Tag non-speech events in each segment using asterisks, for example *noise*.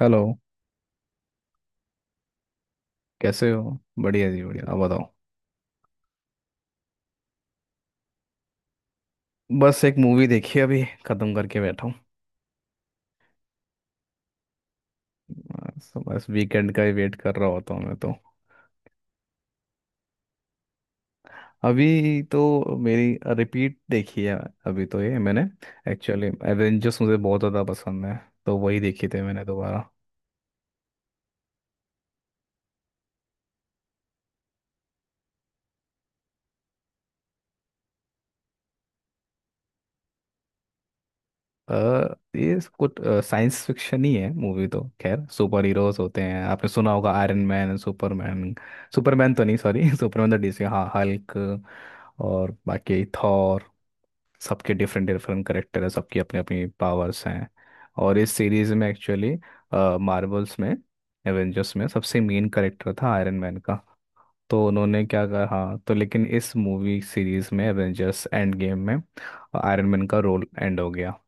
Hello. कैसे हो? बढ़िया जी बढ़िया। आप बताओ। बस एक मूवी देखी है, अभी खत्म करके बैठा हूँ। बस बस वीकेंड का ही वेट कर रहा होता हूँ मैं तो। अभी तो मेरी रिपीट देखी है। अभी तो ये मैंने एक्चुअली एवेंजर्स मुझे बहुत ज़्यादा पसंद है। तो वही देखी थी मैंने दोबारा। अ, ये कुछ साइंस फिक्शन ही है। मूवी तो खैर सुपर हीरोज होते हैं। आपने सुना होगा आयरन मैन, सुपरमैन। सुपरमैन तो नहीं, सॉरी *laughs* सुपरमैन तो डीसी। हाँ, हल्क और बाकी थॉर। सबके डिफरेंट डिफरेंट करेक्टर है, सबकी अपनी अपनी पावर्स हैं। और इस सीरीज में एक्चुअली मार्वल्स में एवेंजर्स में सबसे मेन करेक्टर था आयरन मैन का। तो उन्होंने क्या कहा, हाँ, तो लेकिन इस मूवी सीरीज में एवेंजर्स एंड गेम में आयरन मैन का रोल एंड हो गया।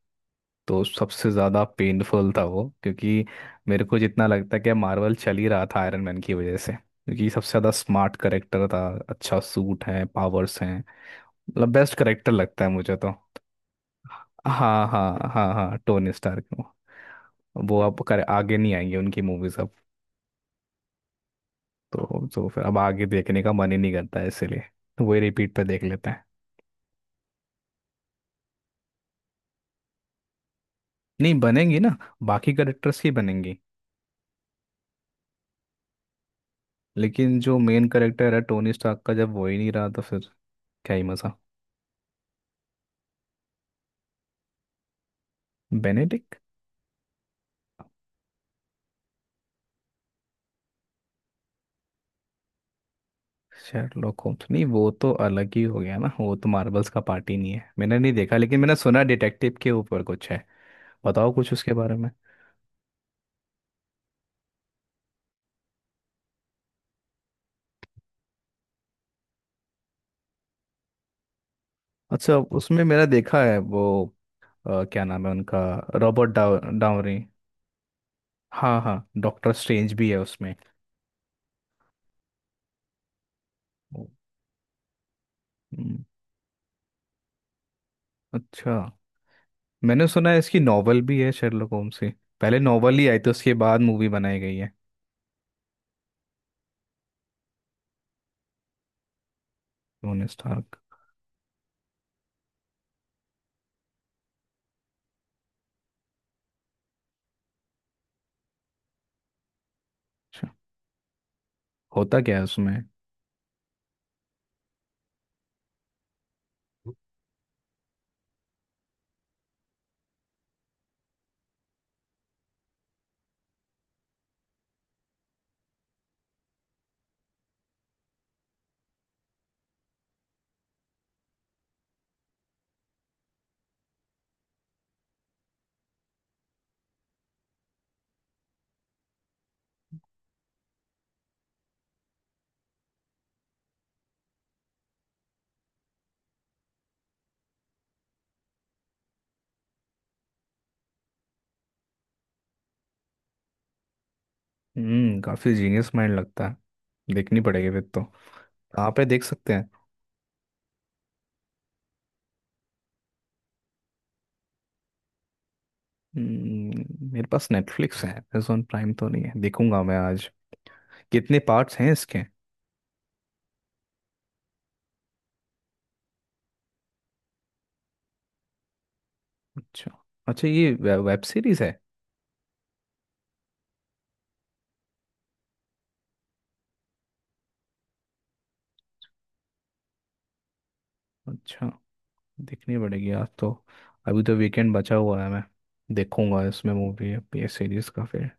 तो सबसे ज़्यादा पेनफुल था वो, क्योंकि मेरे को जितना लगता है कि मार्वल चल ही रहा था आयरन मैन की वजह से, क्योंकि सबसे ज़्यादा स्मार्ट करेक्टर था, अच्छा सूट है, पावर्स हैं। मतलब बेस्ट करेक्टर लगता है मुझे तो। हाँ हाँ हाँ हाँ, टोनी स्टार्क को। वो अब कर आगे नहीं आएंगे, उनकी मूवीज अब। तो फिर अब आगे देखने का मन ही नहीं करता है इसलिए। तो वही रिपीट पे देख लेते हैं। नहीं बनेंगी ना। बाकी करेक्टर्स ही बनेंगी। लेकिन जो मेन करेक्टर है टोनी स्टार्क का, जब वो ही नहीं रहा तो फिर क्या ही मजा। बेनेडिक्ट। शेरलॉक होम्स नहीं, वो तो अलग ही हो गया ना, वो तो मार्वल्स का पार्ट ही नहीं है, मैंने नहीं देखा लेकिन मैंने सुना डिटेक्टिव के ऊपर कुछ है। बताओ कुछ उसके बारे में। अच्छा, उसमें मैंने देखा है वो। क्या नाम है उनका? Robert Downey. हाँ हाँ। डॉक्टर स्ट्रेंज भी है उसमें। हम्म। अच्छा। मैंने सुना है इसकी नॉवल भी है शेरलॉक होम्स की। पहले नॉवल ही आई थी, उसके बाद मूवी बनाई गई है। Tony Stark. अच्छा। होता क्या है उसमें? काफी जीनियस माइंड लगता है, देखनी पड़ेगी फिर तो। कहाँ पे देख सकते हैं? मेरे पास नेटफ्लिक्स है, अमेजोन प्राइम तो नहीं है, देखूंगा मैं आज। कितने पार्ट्स हैं इसके? अच्छा। अच्छा, ये वेब सीरीज है? अच्छा। देखनी पड़ेगी आज तो। अभी तो वीकेंड बचा हुआ है, मैं देखूंगा इसमें मूवी। ये सीरीज का फिर।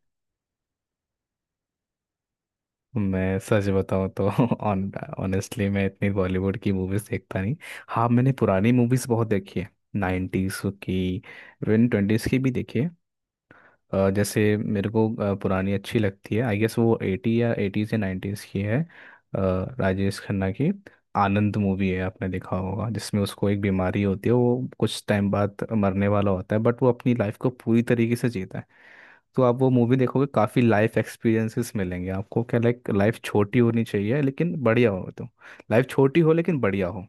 मैं सच बताऊं तो *laughs* ऑन ऑनेस्टली मैं इतनी बॉलीवुड की मूवीज देखता नहीं। हाँ, मैंने पुरानी मूवीज बहुत देखी है। नाइन्टीज की, इवन ट्वेंटीज़ की भी देखी है। जैसे मेरे को पुरानी अच्छी लगती है। आई गेस वो एटी या एटी से नाइन्टीज़ की है, राजेश खन्ना की। आनंद मूवी है, आपने देखा होगा, जिसमें उसको एक बीमारी होती है, वो कुछ टाइम बाद मरने वाला होता है, बट वो अपनी लाइफ को पूरी तरीके से जीता है। तो आप वो मूवी देखोगे काफ़ी लाइफ एक्सपीरियंसेस मिलेंगे आपको, क्या लाइक लाइफ छोटी होनी चाहिए लेकिन बढ़िया हो तो। लाइफ छोटी हो लेकिन बढ़िया हो।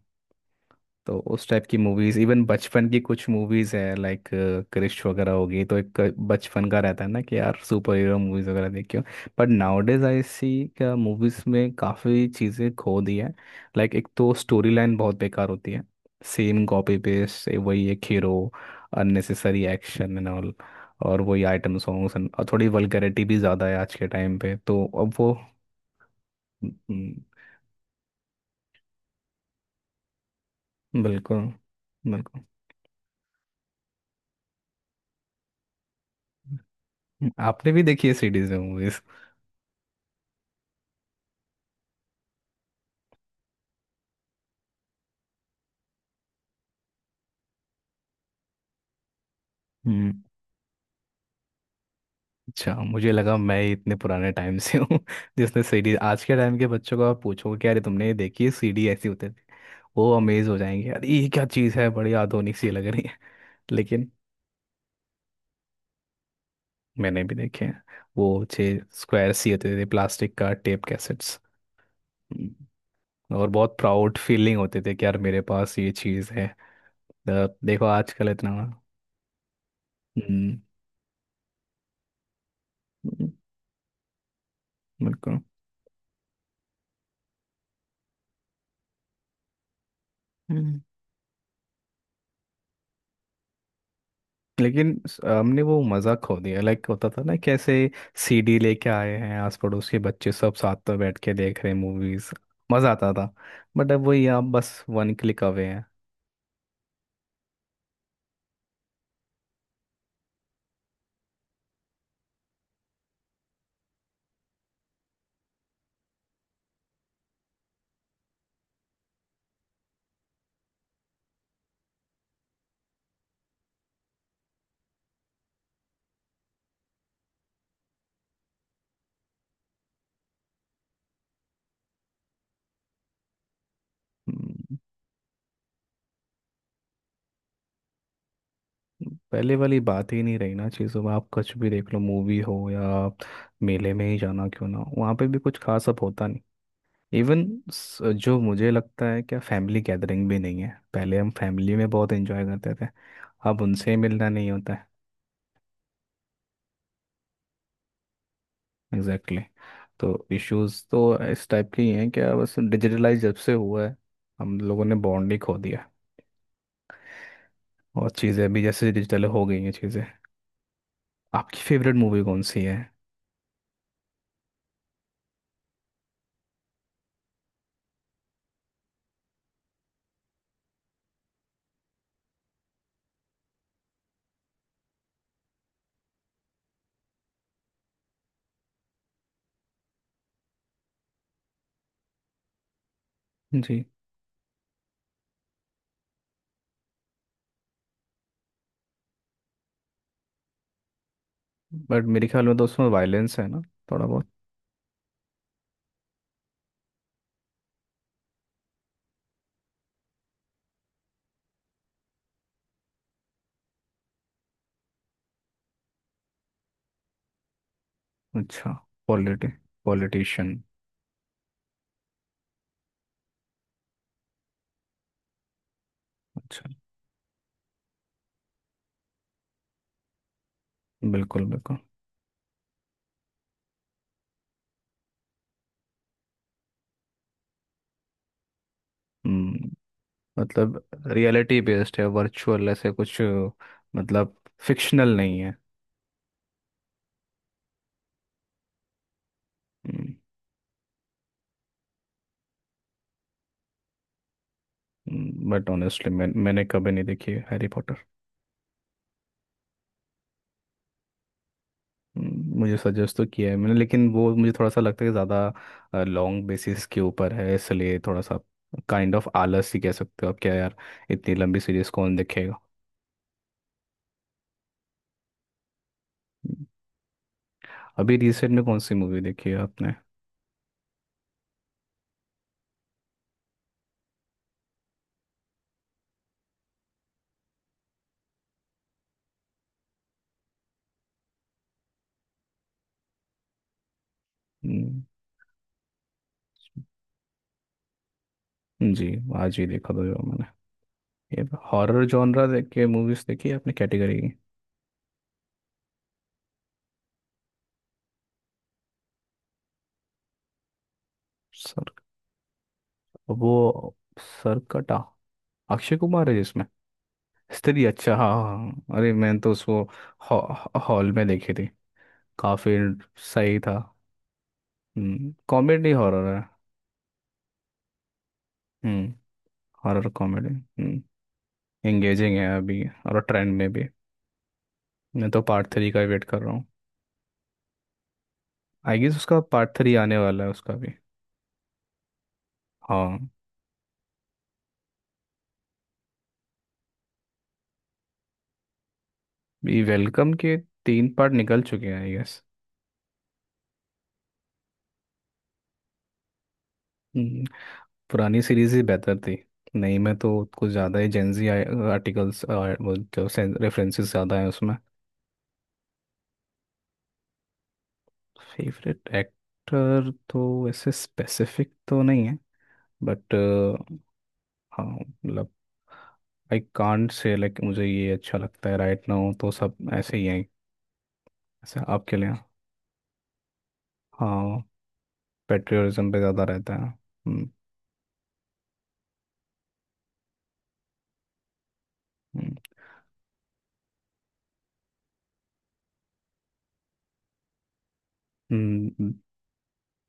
तो उस टाइप की मूवीज, इवन बचपन की कुछ मूवीज है लाइक क्रिश वगैरह हो गई, तो एक बचपन का रहता है ना कि यार सुपर हीरो मूवीज वगैरह देखियो। But nowadays I see क्या मूवीज में काफ़ी चीज़ें खो दी है। लाइक एक तो स्टोरी लाइन बहुत बेकार होती है। सेम कॉपी पेस्ट वही एक hero, unnecessary action and all, और वही आइटम सॉन्ग्स, और थोड़ी वल्गैरिटी भी ज़्यादा है आज के टाइम पे तो अब वो। हम्म। बिल्कुल बिल्कुल। आपने भी देखी है सीरीज में मूवीज? हम्म, अच्छा, मुझे लगा मैं ही इतने पुराने टाइम से हूँ *laughs* जिसने सीडी आज के टाइम के बच्चों को आप पूछोगे कि अरे तुमने ये देखी है सीडी ऐसी होते थे, वो अमेज हो जाएंगे अरे ये क्या चीज़ है बड़ी आधुनिक सी लग रही है *laughs* लेकिन मैंने भी देखे हैं, वो छः स्क्वायर सी होते थे प्लास्टिक का टेप कैसेट्स। हम्म, और बहुत प्राउड फीलिंग होते थे कि यार मेरे पास ये चीज़ है। देखो आजकल इतना। हम्म, हम्म, बिल्कुल। लेकिन हमने वो मज़ा खो दिया, लाइक होता था ना कैसे सीडी लेके आए हैं आस पड़ोस के बच्चे सब साथ में बैठ के देख रहे हैं मूवीज। मज़ा आता था। बट अब वही आप बस वन क्लिक अवे हैं। हम्म, पहले वाली बात ही नहीं रही ना चीज़ों में, आप कुछ भी देख लो मूवी हो या आप मेले में ही जाना क्यों ना हो, वहाँ पे भी कुछ खास अब होता नहीं। इवन जो मुझे लगता है क्या फैमिली गैदरिंग भी नहीं है। पहले हम फैमिली में बहुत एंजॉय करते थे। अब उनसे मिलना नहीं होता है। Exactly exactly। तो इश्यूज तो इस टाइप के ही हैं क्या, बस डिजिटलाइज जब से हुआ है हम लोगों ने बॉन्ड ही खो दिया। और चीज़ें भी जैसे डिजिटल हो गई हैं चीज़ें। आपकी फेवरेट मूवी कौन सी है? जी। बट मेरे ख्याल में तो उसमें वायलेंस है ना, थोड़ा बहुत। अच्छा। पॉलिटी। पॉलिटिशियन। अच्छा। बिल्कुल बिल्कुल। हम्म। मतलब रियलिटी बेस्ड है, वर्चुअल ऐसे कुछ मतलब फिक्शनल नहीं है। बट ऑनेस्टली मैंने कभी नहीं देखी है हैरी पॉटर। मुझे सजेस्ट तो किया है मैंने, लेकिन वो मुझे थोड़ा सा लगता है कि ज़्यादा लॉन्ग बेसिस के ऊपर है, इसलिए थोड़ा सा काइंड ऑफ आलस ही कह सकते हो आप क्या यार, इतनी लंबी सीरीज कौन देखेगा। हम्म, अभी रिसेंट में कौन सी मूवी देखी है आपने? हम्म, जी, आज ही देखा था जो मैंने। ये हॉरर जॉनरा देख के मूवीज देखी है आपने कैटेगरी की? सर। वो सरकटा अक्षय कुमार है जिसमें। स्त्री, अच्छा हाँ हाँ हाँ। अरे मैंने तो उसको हॉल में देखी थी। काफी सही था। कॉमेडी हॉरर है। Hmm horror comedy. एंगेजिंग है अभी और ट्रेंड में भी। मैं तो पार्ट थ्री का वेट कर रहा हूँ। आई गेस उसका पार्ट थ्री आने वाला है उसका भी। हाँ, ये वेलकम के तीन पार्ट निकल चुके हैं आई गेस। हम्म पुरानी सीरीज ही बेहतर थी। नहीं, मैं तो कुछ ज़्यादा ही जेंजी आर्टिकल्स वो जो रेफरेंसेस ज़्यादा हैं उसमें। फेवरेट एक्टर तो ऐसे स्पेसिफिक तो नहीं है, बट हाँ मतलब आई कांट से लाइक मुझे ये अच्छा लगता है, राइट नाउ तो सब ऐसे ही है। ऐसे आपके लिए? हाँ, पेट्रियोटिज्म पे ज़्यादा रहता है। हम्म। हम्म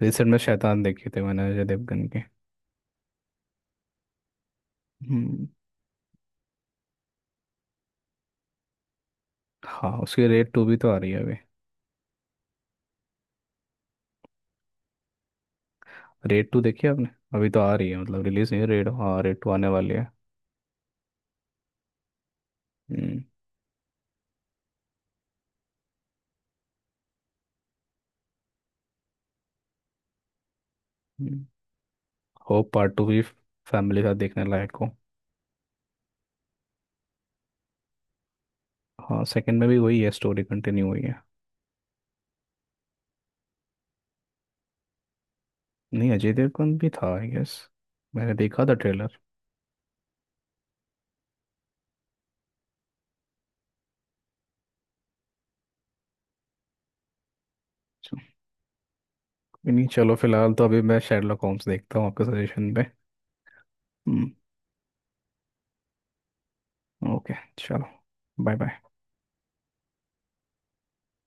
रिसेंट में शैतान देखे थे मैंने, अजय देवगन के। हम्म, हाँ, उसकी रेड टू भी तो आ रही है अभी। रेड टू देखी है आपने? अभी तो आ रही है, मतलब रिलीज नहीं है, रेड, हाँ रेड टू आने वाली है। हम्म होप पार्ट टू भी फैमिली के साथ देखने लायक हो। हाँ, सेकंड में भी वही है, स्टोरी कंटिन्यू हुई है। नहीं, अजय देवगन भी था आई गेस, मैंने देखा था ट्रेलर। कोई नहीं चलो फिलहाल तो अभी मैं शेरलॉक होम्स देखता हूँ आपके सजेशन पे। हम्म। ओके। चलो। Bye bye.